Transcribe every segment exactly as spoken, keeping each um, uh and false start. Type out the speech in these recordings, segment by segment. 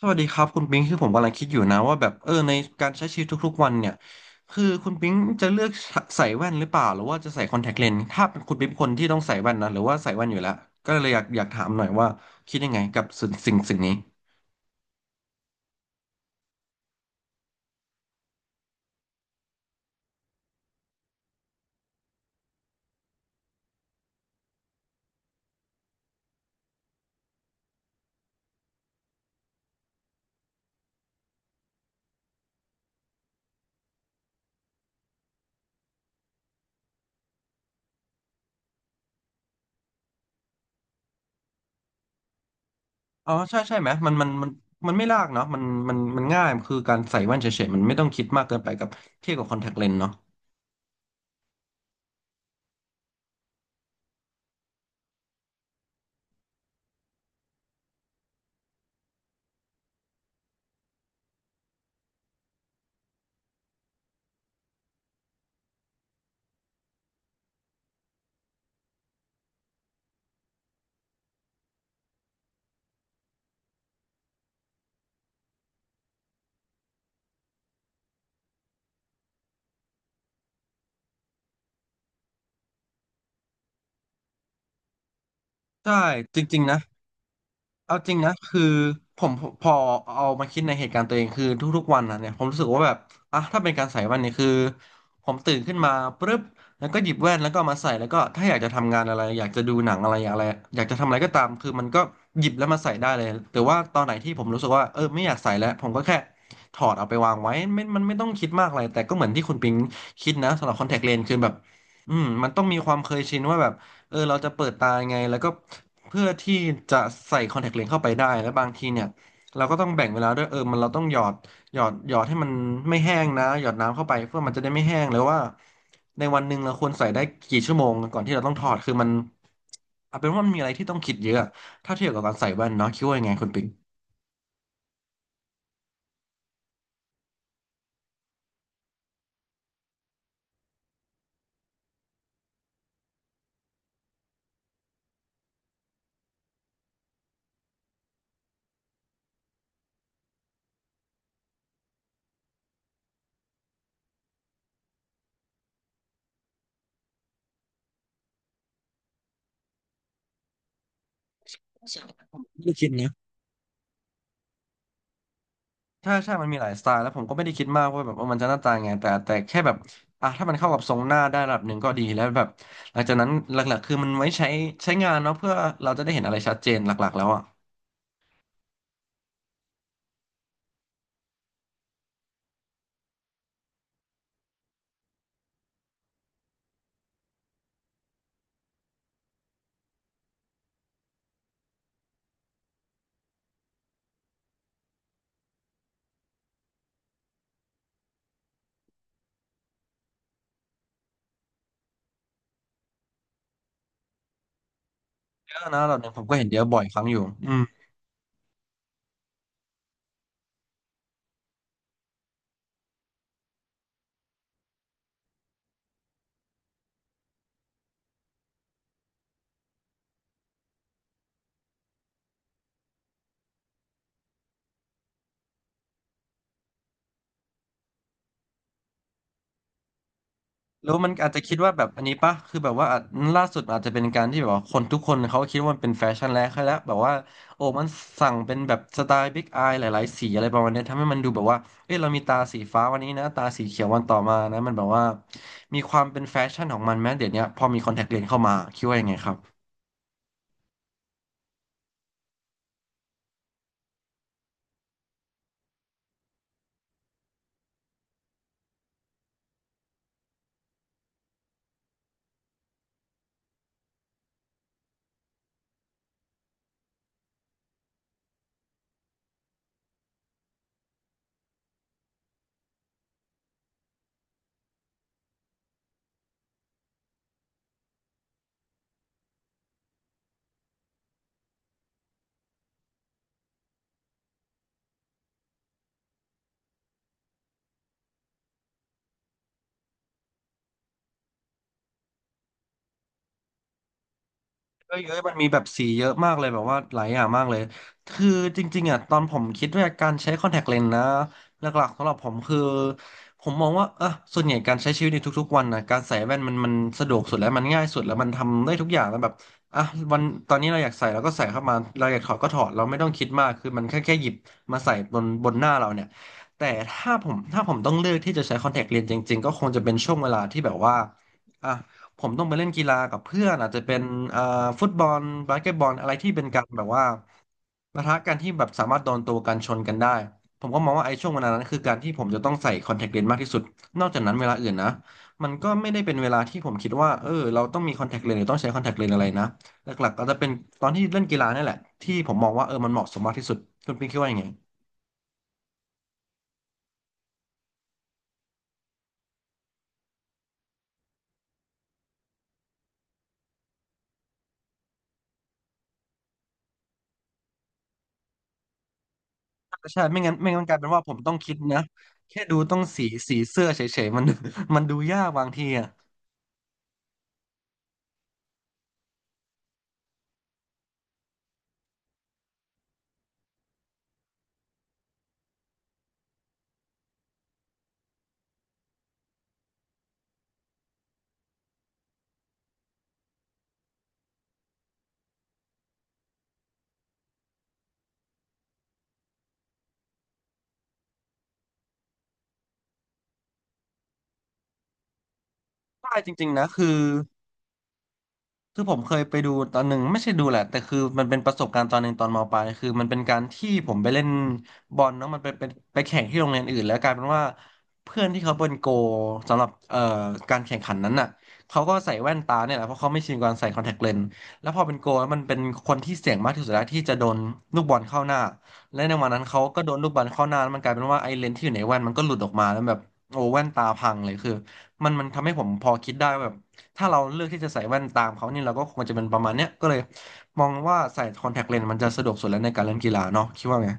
สวัสดีครับคุณปิงคือผมกำลังคิดอยู่นะว่าแบบเออในการใช้ชีวิตทุกๆวันเนี่ยคือคุณปิงจะเลือกใส่แว่นหรือเปล่าหรือว่าจะใส่คอนแทคเลนส์ถ้าเป็นคุณปิงเป็นคนที่ต้องใส่แว่นนะหรือว่าใส่แว่นอยู่แล้วก็เลยอยากอยากถามหน่อยว่าคิดยังไงกับสิ่งสิ่งสิ่งนี้อ๋อใช่ใช่ไหมมันมันมันมันไม่ยากเนาะมันมันมันง่ายคือการใส่แว่นเฉยๆมันไม่ต้องคิดมากเกินไปกับเทียบกับคอนแทคเลนส์เนาะใช่จริงๆนะ เอาจริงนะคือผมพอเอามาคิดในเหตุการณ์ตัวเองคือทุกๆวันนะเนี่ยผมรู้สึกว่าแบบอ่ะถ้าเป็นการใส่แว่นเนี่ยคือผมตื่นขึ้นมาปุ๊บแล้วก็หยิบแว่นแล้วก็เอามาใส่แล้วก็ถ้าอยากจะทำงานอะไรอยากจะดูหนังอะไรอยากอะไรอยากจะทำอะไรก็ตามคือมันก็หยิบแล้วมาใส่ได้เลยแต่ว่าตอนไหนที่ผมรู้สึกว่าเออไม่อยากใส่แล้วผมก็แค่ถอดเอาไปวางไว้ไม่มันไม่ต้องคิดมากอะไรแต่ก็เหมือนที่คุณปิงคิดนะสำหรับคอนแทคเลนส์คือแบบอืมมันต้องมีความเคยชินว่าแบบ เออเราจะเปิดตายังไงแล้วก็เพื่อที่จะใส่คอนแทคเลนส์เข้าไปได้แล้วบางทีเนี่ยเราก็ต้องแบ่งเวลาด้วยเออมันเราต้องหยอดหยอดหยอดให้มันไม่แห้งนะหยอดน้ำเข้าไปเพื่อมันจะได้ไม่แห้งแล้วว่าในวันหนึ่งเราควรใส่ได้กี่ชั่วโมงก่อนที่เราต้องถอดคือมันเอาเป็นว่ามันมีอะไรที่ต้องคิดเยอะถ้าเทียบกับการใส่แว่นเนาะคิดว่ายังไงคุณปิง ใช่ใช่มันมีหลายสไตล์แล้วผมก็ไม่ได้คิดมากว่าแบบว่ามันจะหน้าตายังไงแต่แต่แค่แบบอ่ะถ้ามันเข้ากับทรงหน้าได้ระดับหนึ่งก็ดีแล้วแบบ หลังจากนั้นหลักๆคือมันไว้ใช้ใช้งานเนาะเพื่อเราจะได้เห็นอะไรชัดเจนหลักๆแล้วอ่ะเยอะนะระดับหนึ่งผมก็เห็นเยอะบ่อยครั้งอยู่อืม แล้วมันอาจจะคิดว่าแบบอันนี้ปะคือแบบว่าอาจล่าสุดอาจจะเป็นการที่แบบว่าคนทุกคนเขาคิดว่ามันเป็นแฟชั่นแล้วแล้วแบบว่าโอ้มันสั่งเป็นแบบสไตล์บิ๊กอายหลายๆสีอะไรประมาณเนี้ยทำให้มันดูแบบว่าเอ้ยเรามีตาสีฟ้าวันนี้นะตาสีเขียววันต่อมานะมันแบบว่ามีความเป็นแฟชั่นของมันแม้เดี๋ยวเนี้ยพอมีคอนแทคเลนส์เข้ามาคิดว่ายังไงครับ เยอะๆมันมีแบบสีเยอะมากเลยแบบว่าหลายอย่างมากเลยคือจริงๆอ่ะตอนผมคิดว่าการใช้คอนแทคเลนส์นะหลักๆสำหรับผมคือผมมองว่าเออส่วนใหญ่การใช้ชีวิตในทุกๆวันนะการใส่แว่นมันมันสะดวกสุดแล้วมันง่ายสุดแล้วมันทำได้ทุกอย่างแล้วแบบอ่ะวันตอนนี้เราอยากใส่เราก็ใส่เข้ามาเราอยากถอดก็ถอดเราไม่ต้องคิดมากคือมันแค่แค่หยิบมาใส่บนบนหน้าเราเนี่ยแต่ถ้าผมถ้าผมต้องเลือกที่จะใช้คอนแทคเลนส์จริงๆก็คงจะเป็นช่วงเวลาที่แบบว่าอ่ะ ผมต้องไปเล่นกีฬากับเพื่อนอาจจะเป็นเอ่อฟุตบอลบาสเกตบอลอะไรที่เป็นการแบบว่าปะทะกันที่แบบสามารถโดนตัวกันชนกันได้ผมก็มองว่าไอ้ช่วงเวลานั้นคือการที่ผมจะต้องใส่คอนแทคเลนส์มากที่สุดนอกจากนั้นเวลาอื่นนะมันก็ไม่ได้เป็นเวลาที่ผมคิดว่าเออเราต้องมีคอนแทคเลนส์หรือต้องใช้คอนแทคเลนส์อะไรนะหลักๆก็จะเป็นตอนที่เล่นกีฬานี่แหละที่ผมมองว่าเออมันเหมาะสมมากที่สุดคุณปิ๊งคิดว่ายังไงใช่ไม่งั้นไม่งั้นมันกลายเป็นว่าผมต้องคิดนะแค่ดูต้องสีสีเสื้อเฉยๆมัน มันดูยากบางทีอะ ใช่จริงๆนะคือคือผมเคยไปดูตอนหนึ่งไม่ใช่ดูแหละแต่คือมันเป็นประสบการณ์ตอนหนึ่งตอนมปลายคือมันเป็นการที่ผมไปเล่นบอลเนาะมันเป็นเป็นไปแข่งที่โรงเรียนอื่นแล้วกลายเป็นว่าเพื่อนที่เขาเป็นโกลสำหรับเอ่อการแข่งขันนั้นน่ะเขาก็ใส่แว่นตาเนี่ยแหละเพราะเขาไม่ชินกับการใส่คอนแทคเลนส์แล้วพอเป็นโกลแล้วมันเป็นคนที่เสี่ยงมากที่สุดแล้วที่จะโดนลูกบอลเข้าหน้าและในวันนั้นเขาก็โดนลูกบอลเข้าหน้าแล้วมันกลายเป็นว่าไอ้เลนส์ที่อยู่ในแว่นมันก็หลุดออกมาแล้วแบบโอ้แว่นตาพังเลยคือมันมันทำให้ผมพอคิดได้ว่าแบบ ถ้าเราเลือกที่จะใส่แว่นตามเขานี่เราก็คงจะเป็นประมาณเนี้ยก็เลยมองว่าใส่คอนแทคเลนส์มันจะสะดวกสุดแล้วในการเล่นกีฬาเนาะคิดว่าไง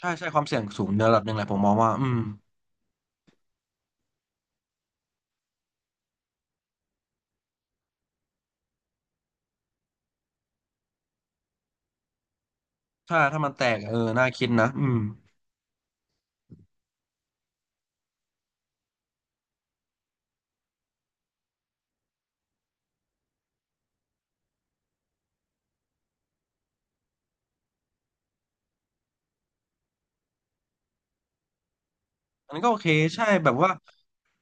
ใช่ใช่ความเสี่ยงสูงในระดับหนึ่งแหละผมมองว่าอืมถ้าถ้ามันแตกเออน่าคิดนะอืม อันนั้นก็โอเคใช่แบบว่า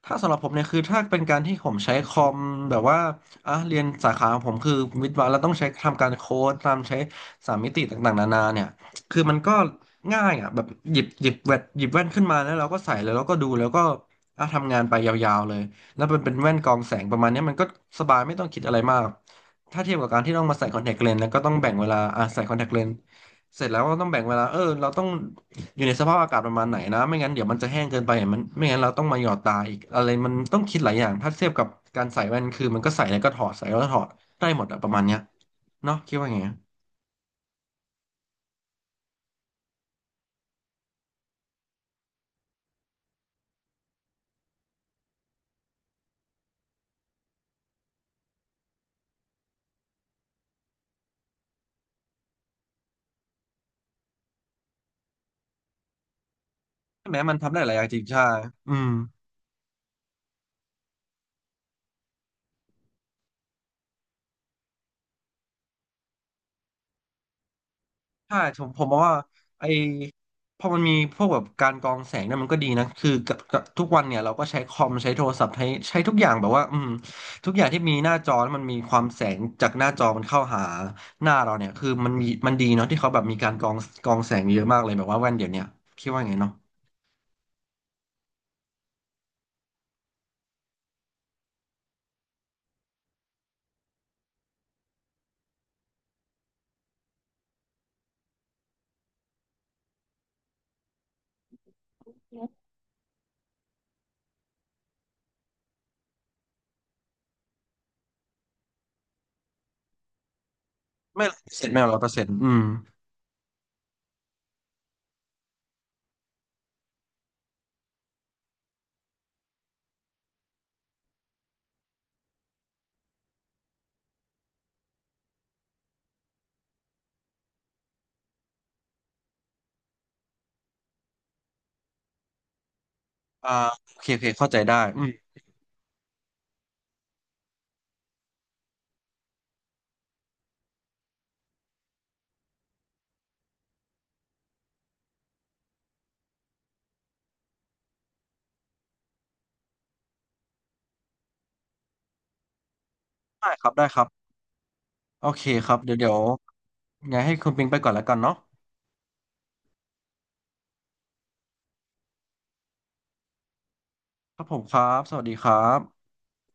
ถ้าสำหรับผมเนี่ยคือถ้าเป็นการที่ผมใช้คอมแบบว่าอ่ะเรียนสาขาของผมคือวิทย์วะแล้วต้องใช้ทำการโค้ดตามใช้สามมิติต่างๆนานาเนี่ยคือมันก็ง่ายอ่ะแบบหยิบหยิบแว่นหยิบแว่นขึ้นมาแล้วเราก็ใส่แล้แล้วเราก็ดูแล้วก็อ่ะทำงานไปยาวๆเลยแล้วมันเป็นแว่นกรองแสงประมาณเนี้ยมันก็สบายไม่ต้องคิดอะไรมากถ้าเทียบกับการที่ต้องมาใส่คอนแทคเลนส์แล้วก็ต้องแบ่งเวลาอ่ะใส่คอนแทคเลนส์ เสร็จแล้วเราต้องแบ่งเวลาเออเราต้องอยู่ในสภาพอากาศประมาณไหนนะไม่งั้นเดี๋ยวมันจะแห้งเกินไปมันไม่งั้นเราต้องมาหยอดตาอีกอะไรมันต้องคิดหลายอย่างถ้าเทียบกับการใส่แว่นคือมันก็ใส่แล้วก็ถอดใส่แล้วก็ถอดได้หมดอะประมาณเนี้ยเนาะคิดว่าไงอะแม้มันทำได้หลายอย่างจริงใช่อืม ใช่ผมผมมองว่าไอ้พอมันมีพวกแบบการกรองแสงเนี่ยมันก็ดีนะคือกับกับทุกวันเนี่ยเราก็ใช้คอมใช้โทรศัพท์ใช้ใช้ทุกอย่างแบบว่าอืมทุกอย่างที่มีหน้าจอแล้วมันมีความแสงจากหน้าจอมันเข้าหาหน้าเราเนี่ยคือมันมีมันดีเนาะที่เขาแบบมีการกรองกรองแสงเยอะมากเลยแบบว่าแว่นเดี๋ยวเนี้ยคิดว่าไงเนาะไม่เสร็จไม่ร้อยเปอร์เซ็นต์อืมอ่าโอเคโอเคเข้าใจได้อืมได้ครับได้ครับโอเคครับเดี๋ยวเดี๋ยวไงให้คุณปิงไปก่อนแล้วกันเนาะครับผมครับสวัสดีครับ